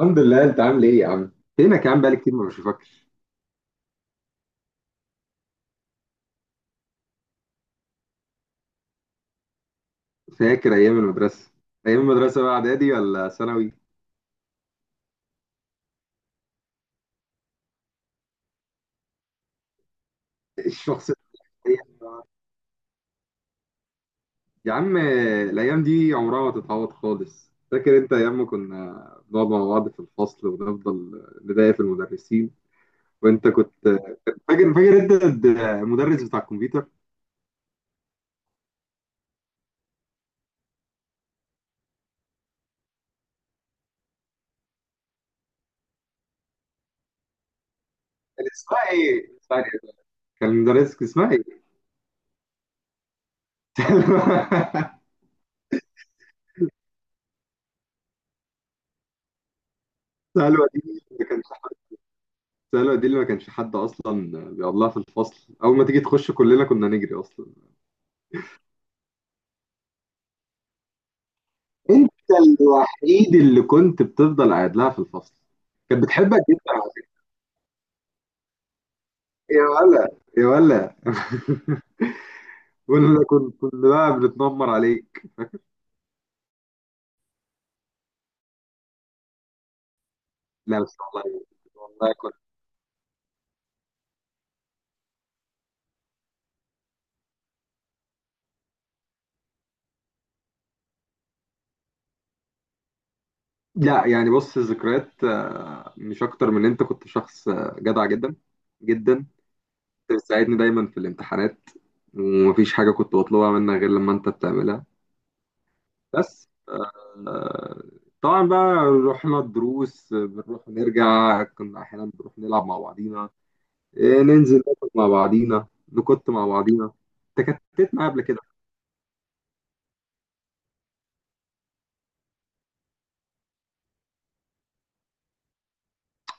الحمد لله، انت عامل ايه يا عم؟ فينك يا عم؟ بقالي كتير ما بشوفكش. فاكر ايام المدرسه. ايام المدرسه بقى، اعدادي ولا ثانوي؟ الشخص، يا عم، الايام دي عمرها ما تتعوض خالص. فاكر انت ايام ما كنا بنقعد مع بعض في الفصل ونفضل نضايق في المدرسين؟ وانت كنت فاكر انت المدرس بتاع الكمبيوتر؟ كان اسمها ايه؟ اسمها ايه؟ كان مدرسك اسمها ايه؟ سهل وديع. ما كانش، السهلة دي اللي ما كانش حد أصلا بيقعد لها في الفصل. أول ما تيجي تخش كلنا كنا نجري أصلا. أنت الوحيد اللي كنت بتفضل قاعد لها في الفصل. كانت بتحبك جدا على فكرة. يا ولا، يا ولا، كنا بقى بنتنمر عليك. لا، بس والله، والله كنت. لا يعني، بص الذكريات مش أكتر من إن أنت كنت شخص جدع جدا جدا. كنت بتساعدني دايما في الامتحانات، ومفيش حاجة كنت بطلبها منك غير لما أنت بتعملها. بس طبعا بقى، رحنا الدروس بنروح ونرجع. كنا احيانا بنروح نلعب مع بعضينا، ننزل ناكل مع بعضينا، نكت مع بعضينا. تكتت معايا قبل كده.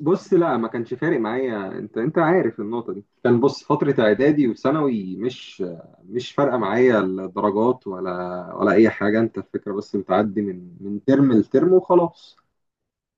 بص لا، ما كانش فارق معايا. انت عارف النقطه دي. كان بص، فتره اعدادي وثانوي مش مش فارقه معايا الدرجات، ولا اي حاجه. انت الفكره بس بتعدي من ترم لترم وخلاص.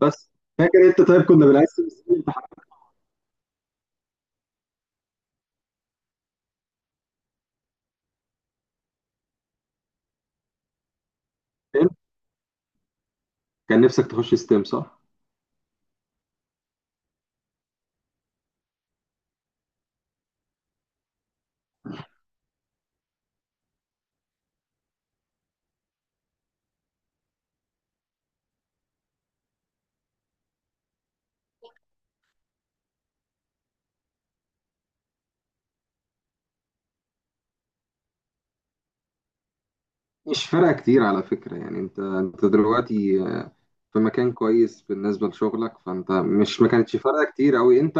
بس، فاكر انت طيب كنا بنقسم السنين امتحانات؟ كان نفسك تخش ستيم، صح؟ مش فارقة كتير على فكرة يعني. انت دلوقتي في مكان كويس بالنسبة لشغلك. فانت مش، ما كانتش فارقة كتير اوي. انت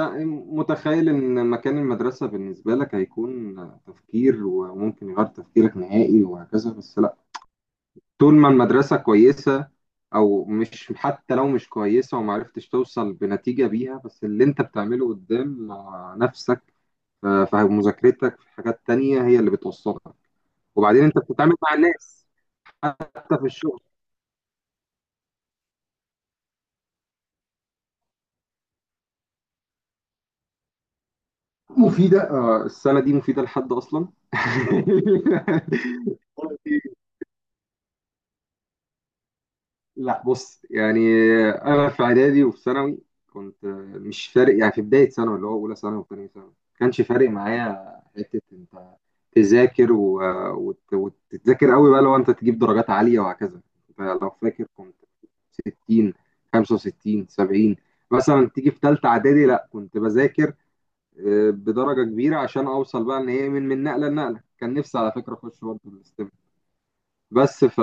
متخيل ان مكان المدرسة بالنسبة لك هيكون تفكير، وممكن يغير تفكيرك نهائي وهكذا، بس لا. طول ما المدرسة كويسة، او مش، حتى لو مش كويسة ومعرفتش توصل بنتيجة بيها، بس اللي انت بتعمله قدام نفسك، في مذاكرتك، في حاجات تانية، هي اللي بتوصلك. وبعدين انت بتتعامل مع الناس حتى في الشغل. مفيدة، السنة دي مفيدة لحد أصلا. لا بص يعني، أنا في إعدادي وفي ثانوي كنت مش فارق يعني. في بداية ثانوي اللي هو أولى ثانوي وثانية ثانوي ما كانش فارق معايا حتة أنت تذاكر وتتذاكر قوي بقى لو أنت تجيب درجات عالية وهكذا. أنت لو فاكر كنت 60، 65، 70 مثلا. تيجي في ثالثة إعدادي لا كنت بذاكر بدرجه كبيره عشان اوصل بقى، ان هي من نقله لنقله. كان نفسي على فكره اخش برضه الاستم، بس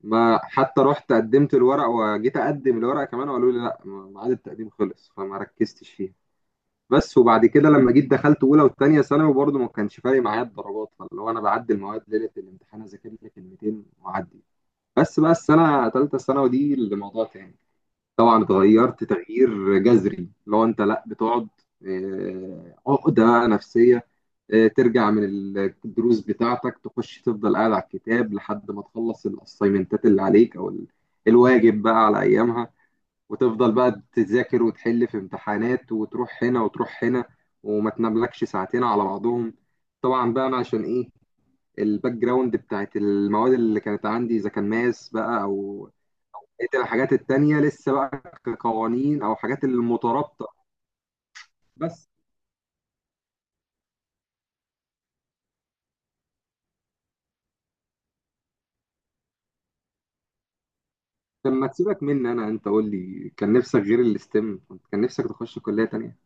ما حتى رحت قدمت الورق وجيت اقدم الورق كمان، وقالوا لي لا، ميعاد التقديم خلص، فما ركزتش فيها. بس وبعد كده لما جيت دخلت اولى وثانيه ثانوي برضه ما كانش فارق معايا الدرجات. فاللي هو انا بعدي المواد ليله الامتحان اذاكر لي كلمتين واعدي. بس بقى السنه ثالثه ثانوي دي اللي موضوع تاني. طبعا اتغيرت تغيير جذري. لو انت لا، بتقعد عقده بقى نفسيه، ترجع من الدروس بتاعتك تخش تفضل قاعد على الكتاب لحد ما تخلص الاسايمنتات اللي عليك، او الواجب بقى على ايامها. وتفضل بقى تذاكر وتحل في امتحانات وتروح هنا وتروح هنا، وما تناملكش ساعتين على بعضهم. طبعا بقى، انا عشان ايه؟ الباك جراوند بتاعت المواد اللي كانت عندي اذا كان ماس بقى، او بقيت الحاجات التانية لسه بقى كقوانين أو حاجات المترابطة. بس، لما تسيبك مني أنا، أنت قول لي، كان نفسك غير الاستم؟ كنت كان نفسك تخش كلية تانية؟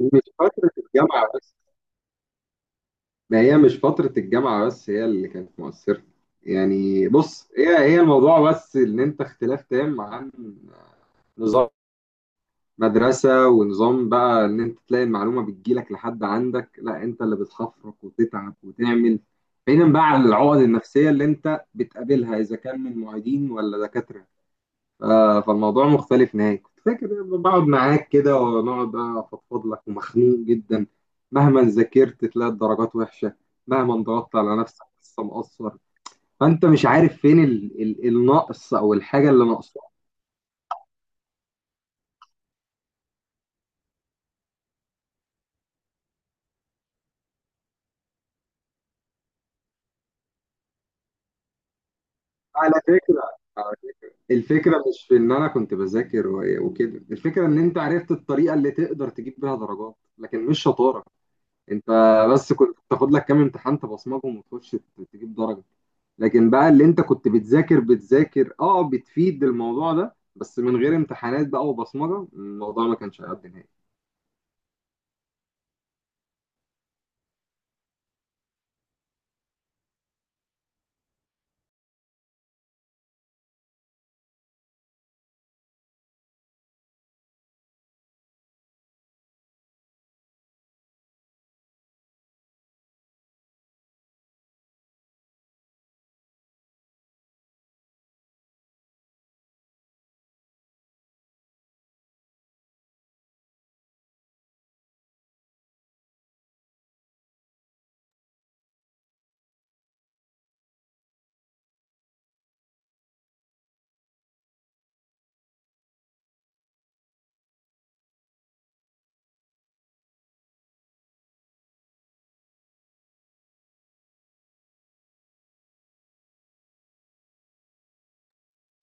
مش فترة الجامعة بس. ما هي مش فترة الجامعة بس هي اللي كانت مؤثرة. يعني بص، هي الموضوع، بس إن أنت اختلاف تام عن نظام مدرسة ونظام بقى. إن أنت تلاقي المعلومة بتجيلك لحد عندك، لا أنت اللي بتخفرك وتتعب وتعمل، بعيدا بقى عن العقد النفسية اللي أنت بتقابلها، إذا كان من معيدين ولا دكاترة. ف- فالموضوع مختلف نهائي. كنت فاكر إن أنا بقعد معاك كده ونقعد بقى أفضفض لك، ومخنوق جدا مهما ذاكرت تلاقي الدرجات وحشة، مهما ضغطت على نفسك لسه مقصر. فأنت مش عارف فين ال النقص أو الحاجة اللي ناقصاك. على فكرة، الفكرة مش في إن أنا كنت بذاكر وكده. الفكرة إن أنت عرفت الطريقة اللي تقدر تجيب بيها درجات، لكن مش شطارة. أنت بس كنت تاخد لك كام امتحان تبصمجهم وتخش تجيب درجة. لكن بقى اللي أنت كنت بتذاكر بتذاكر بتفيد الموضوع ده، بس من غير امتحانات بقى وبصمجة الموضوع ما كانش هيعدي نهائي.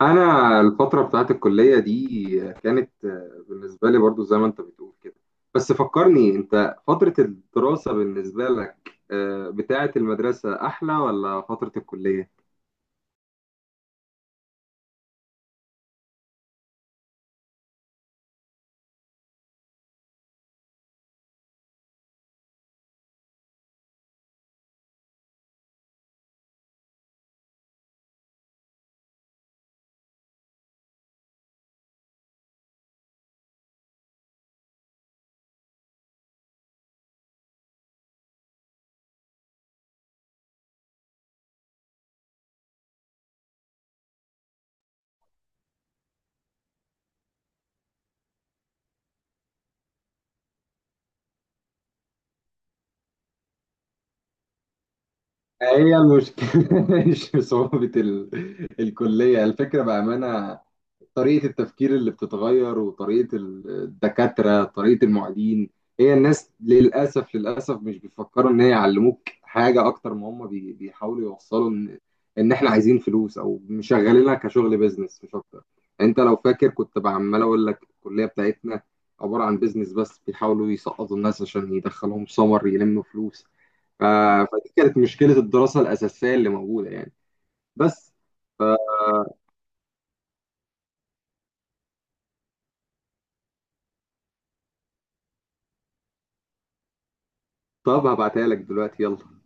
انا الفتره بتاعت الكليه دي كانت بالنسبه لي برضو زي ما انت بتقول كده. بس فكرني انت، فتره الدراسه بالنسبه لك بتاعت المدرسه احلى ولا فتره الكليه؟ هي المشكله مش صعوبه الكليه. الفكره بامانه طريقة التفكير اللي بتتغير، وطريقة الدكاترة، طريقة المعيدين. هي الناس للأسف للأسف مش بيفكروا إن هي يعلموك حاجة، أكتر ما هم بيحاولوا يوصلوا إن إحنا عايزين فلوس، أو مشغلينها كشغل بيزنس مش أكتر. أنت لو فاكر كنت عمال أقول لك الكلية بتاعتنا عبارة عن بيزنس، بس بيحاولوا يسقطوا الناس عشان يدخلهم سمر يلموا فلوس. ف- فدي كانت مشكلة الدراسة الأساسية اللي موجودة يعني. بس طب هبعتها لك دلوقتي، يلا.